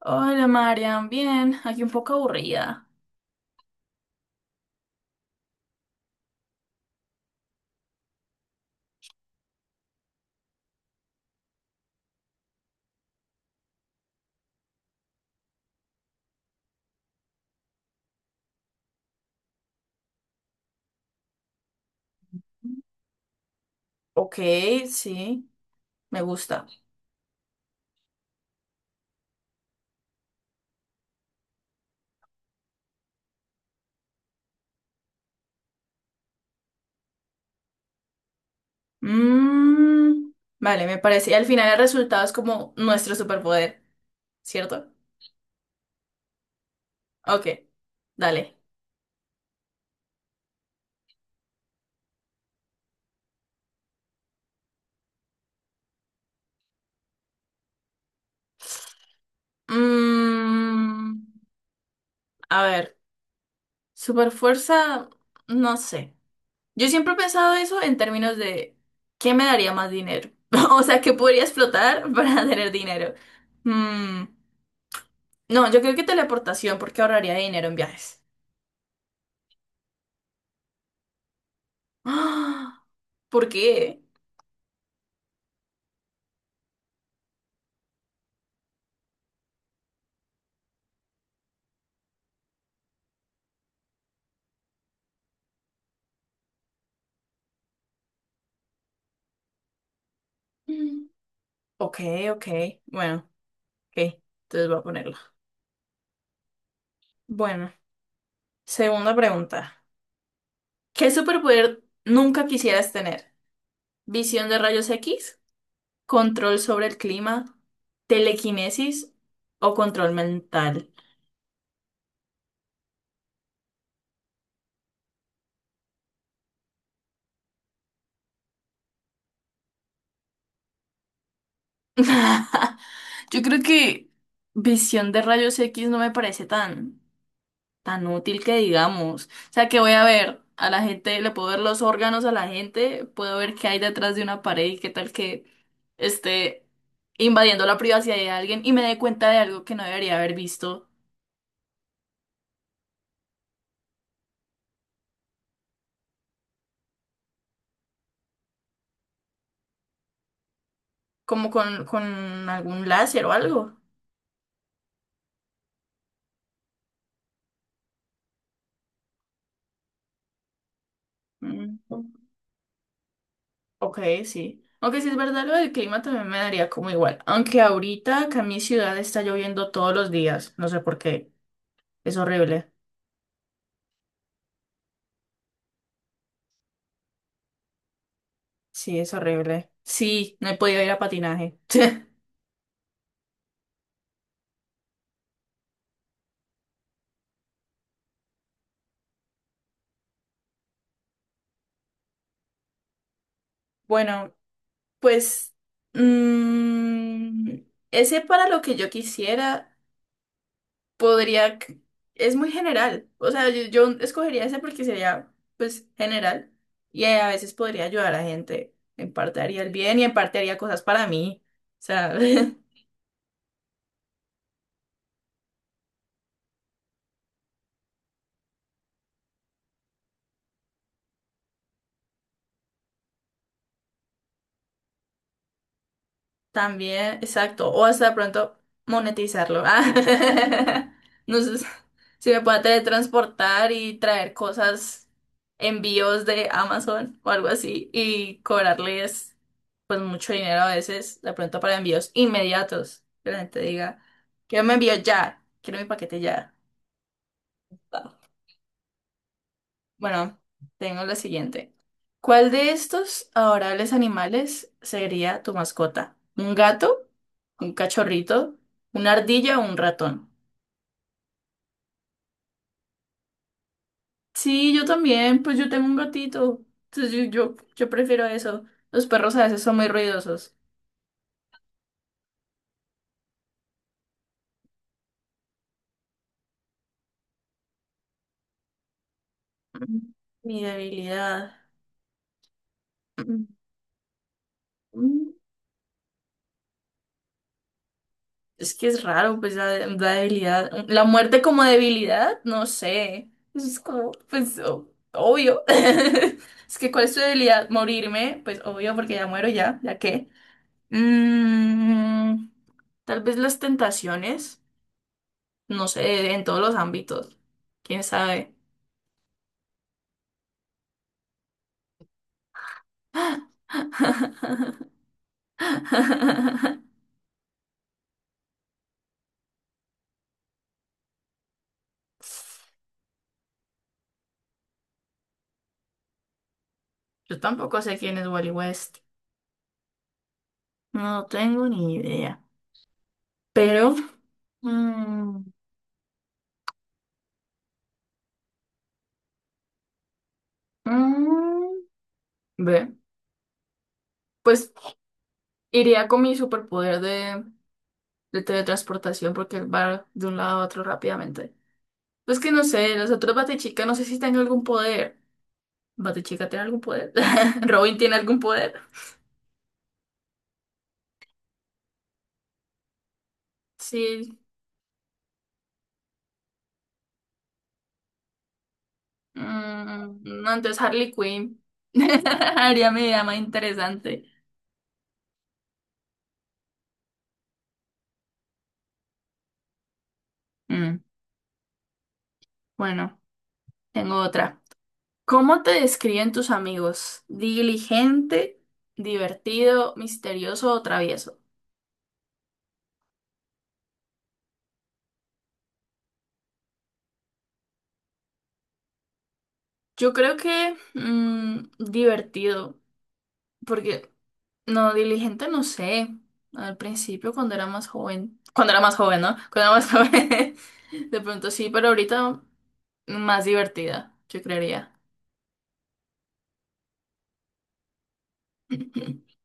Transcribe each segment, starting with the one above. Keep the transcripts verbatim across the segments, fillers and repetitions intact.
Hola, Marian, bien, aquí un poco aburrida. Ok, sí, me gusta. Mm, vale, me parece. Y al final el resultado es como nuestro superpoder, ¿cierto? Ok, dale. Mm, a ver, superfuerza, no sé. Yo siempre he pensado eso en términos de ¿qué me daría más dinero? O sea, ¿qué podría explotar para tener dinero? Mm, no, yo creo que teleportación, porque ahorraría dinero en viajes. ¡Ah! ¿Por qué? Mm. Ok, ok. Bueno, ok. Entonces voy a ponerlo. Bueno, segunda pregunta. ¿Qué superpoder nunca quisieras tener? ¿Visión de rayos X? ¿Control sobre el clima? ¿Telequinesis? ¿O control mental? Yo creo que visión de rayos X no me parece tan tan útil que digamos. O sea, que voy a ver a la gente, le puedo ver los órganos a la gente, puedo ver qué hay detrás de una pared y qué tal que esté invadiendo la privacidad de alguien y me dé cuenta de algo que no debería haber visto, como con, con algún láser o algo. Mm, ok, sí. Aunque si es verdad lo del clima también me daría como igual. Aunque ahorita acá en mi ciudad está lloviendo todos los días. No sé por qué. Es horrible. Sí, es horrible. Sí, no he podido ir a patinaje. Bueno, pues mm, ese para lo que yo quisiera podría, c- es muy general, o sea, yo, yo escogería ese porque sería pues general y eh, a veces podría ayudar a gente, en parte haría el bien y en parte haría cosas para mí, o sea. También, exacto. O hasta de pronto monetizarlo. Ah, no sé si me pueda teletransportar y traer cosas, envíos de Amazon o algo así, y cobrarles pues mucho dinero a veces, de pronto para envíos inmediatos. Que la gente diga, quiero mi envío ya, quiero mi paquete ya. Bueno, tengo la siguiente. ¿Cuál de estos adorables animales sería tu mascota? ¿Un gato? ¿Un cachorrito? ¿Una ardilla o un ratón? Sí, yo también, pues yo tengo un gatito. Entonces yo, yo, yo prefiero eso. Los perros a veces son muy ruidosos. Mm, mi debilidad. Mm. Mm. Es que es raro, pues la, la debilidad, la muerte como debilidad, no sé. Pues es como, pues, o- obvio. Es que, ¿cuál es tu debilidad? Morirme, pues, obvio, porque ya muero ya, ¿ya qué? Mm, tal vez las tentaciones, no sé, en todos los ámbitos, quién sabe. Yo tampoco sé quién es Wally West, no tengo ni idea. Pero mm, mm, ve. Pues iría con mi superpoder de, de teletransportación porque va de un lado a otro rápidamente. Pues que no sé, los otros Batichica no sé si tienen algún poder. ¿Batichica tiene algún poder? ¿Robin tiene algún poder? Sí. Mm, no, entonces Harley Quinn. Haría mi vida más interesante. Mm, bueno, tengo otra. ¿Cómo te describen tus amigos? ¿Diligente, divertido, misterioso o travieso? Yo creo que mm, divertido. Porque no, diligente no sé. Al principio, cuando era más joven. Cuando era más joven, ¿no? Cuando era más joven. De pronto sí, pero ahorita más divertida, yo creería.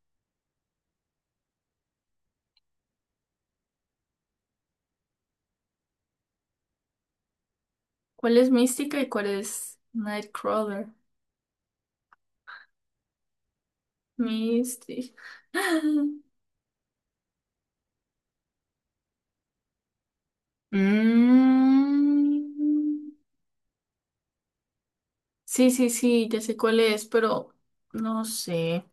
¿Cuál es Mística y cuál es Nightcrawler? Mística. Mm. Sí, sí, sí, ya sé cuál es, pero no sé.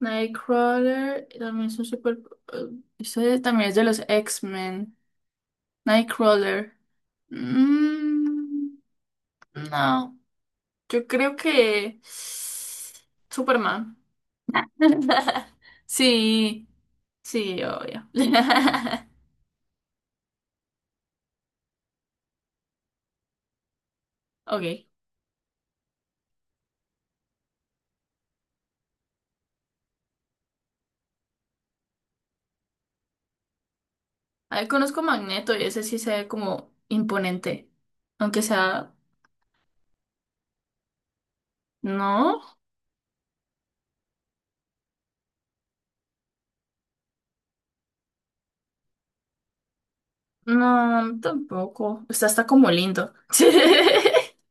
Nightcrawler también es un super eh, eso también es de los X-Men. Nightcrawler. Mm, no, yo creo que Superman. Sí, sí, obvio. Ok. Ahí conozco Magneto y ese sí se ve como imponente. Aunque sea. No, no, tampoco. Está hasta como lindo.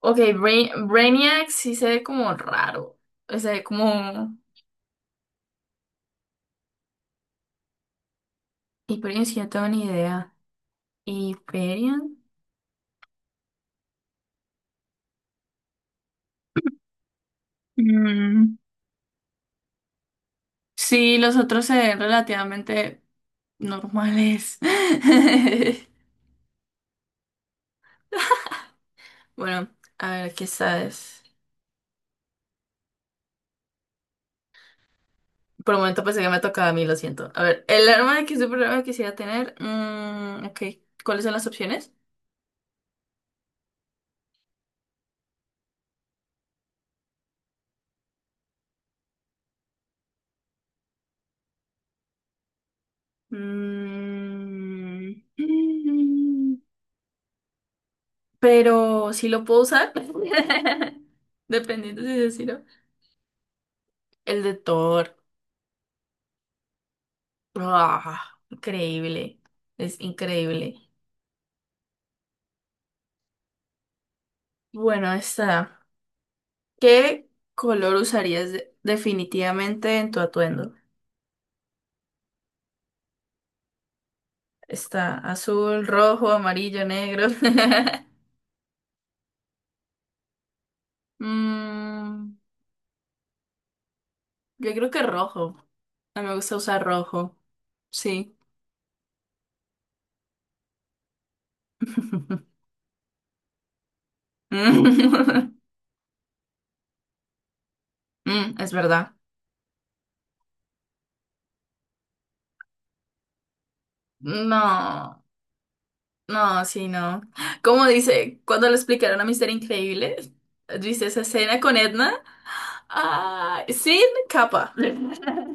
Ok, Bra- Brainiac sí se ve como raro. O sea, como. Hyperion, sí, no tengo ni idea. Hyperion. Mm, sí, los otros se ven relativamente normales. Bueno, a ver, ¿qué sabes? Por un momento pensé que me tocaba a mí, lo siento. A ver, el arma que superhéroe quisiera tener. Mm, ok, ¿cuáles son las opciones? Mm, mm, pero si lo puedo usar, dependiendo si es, ¿no? El de Thor. Ah, increíble, es increíble. Bueno, está. ¿Qué color usarías de- definitivamente en tu atuendo? Está azul, rojo, amarillo, negro. Mm, yo creo que rojo. A mí me gusta usar rojo. Sí. Mm, mm, es verdad. No, no, sí, no. Como dice, cuando le explicaron a Mister Increíble, dice esa escena con Edna, ah, sin capa.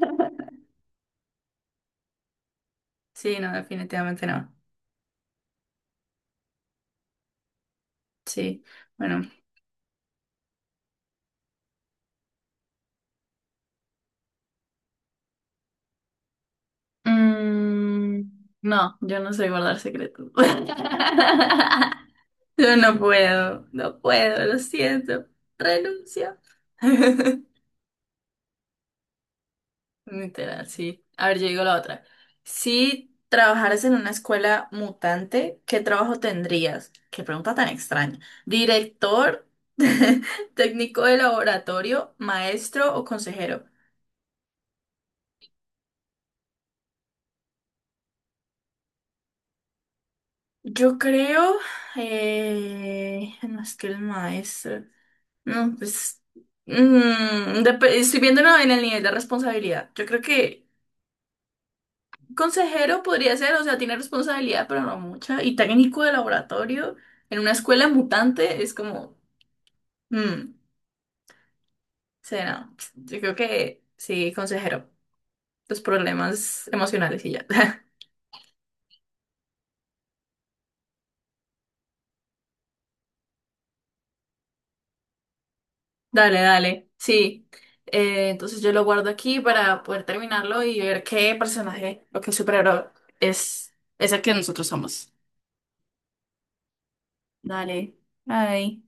Sí, no, definitivamente no. Sí, bueno. Mm, no, yo no sé guardar secretos. Yo no puedo, no puedo, lo siento. Renuncio. Literal, sí. A ver, yo digo la otra. Si trabajaras en una escuela mutante, ¿qué trabajo tendrías? Qué pregunta tan extraña. ¿Director, técnico de laboratorio, maestro o consejero? Yo creo, eh, no, es que el maestro. No, pues mm, dep- estoy viéndolo en el nivel de responsabilidad. Yo creo que consejero podría ser, o sea, tiene responsabilidad, pero no mucha. Y técnico de laboratorio en una escuela mutante es como, mm, sí, no. Yo creo que sí, consejero. Los problemas emocionales y ya. Dale, dale, sí. Eh, entonces yo lo guardo aquí para poder terminarlo y ver qué personaje o qué superhéroe es, es el que nosotros somos. Dale, bye.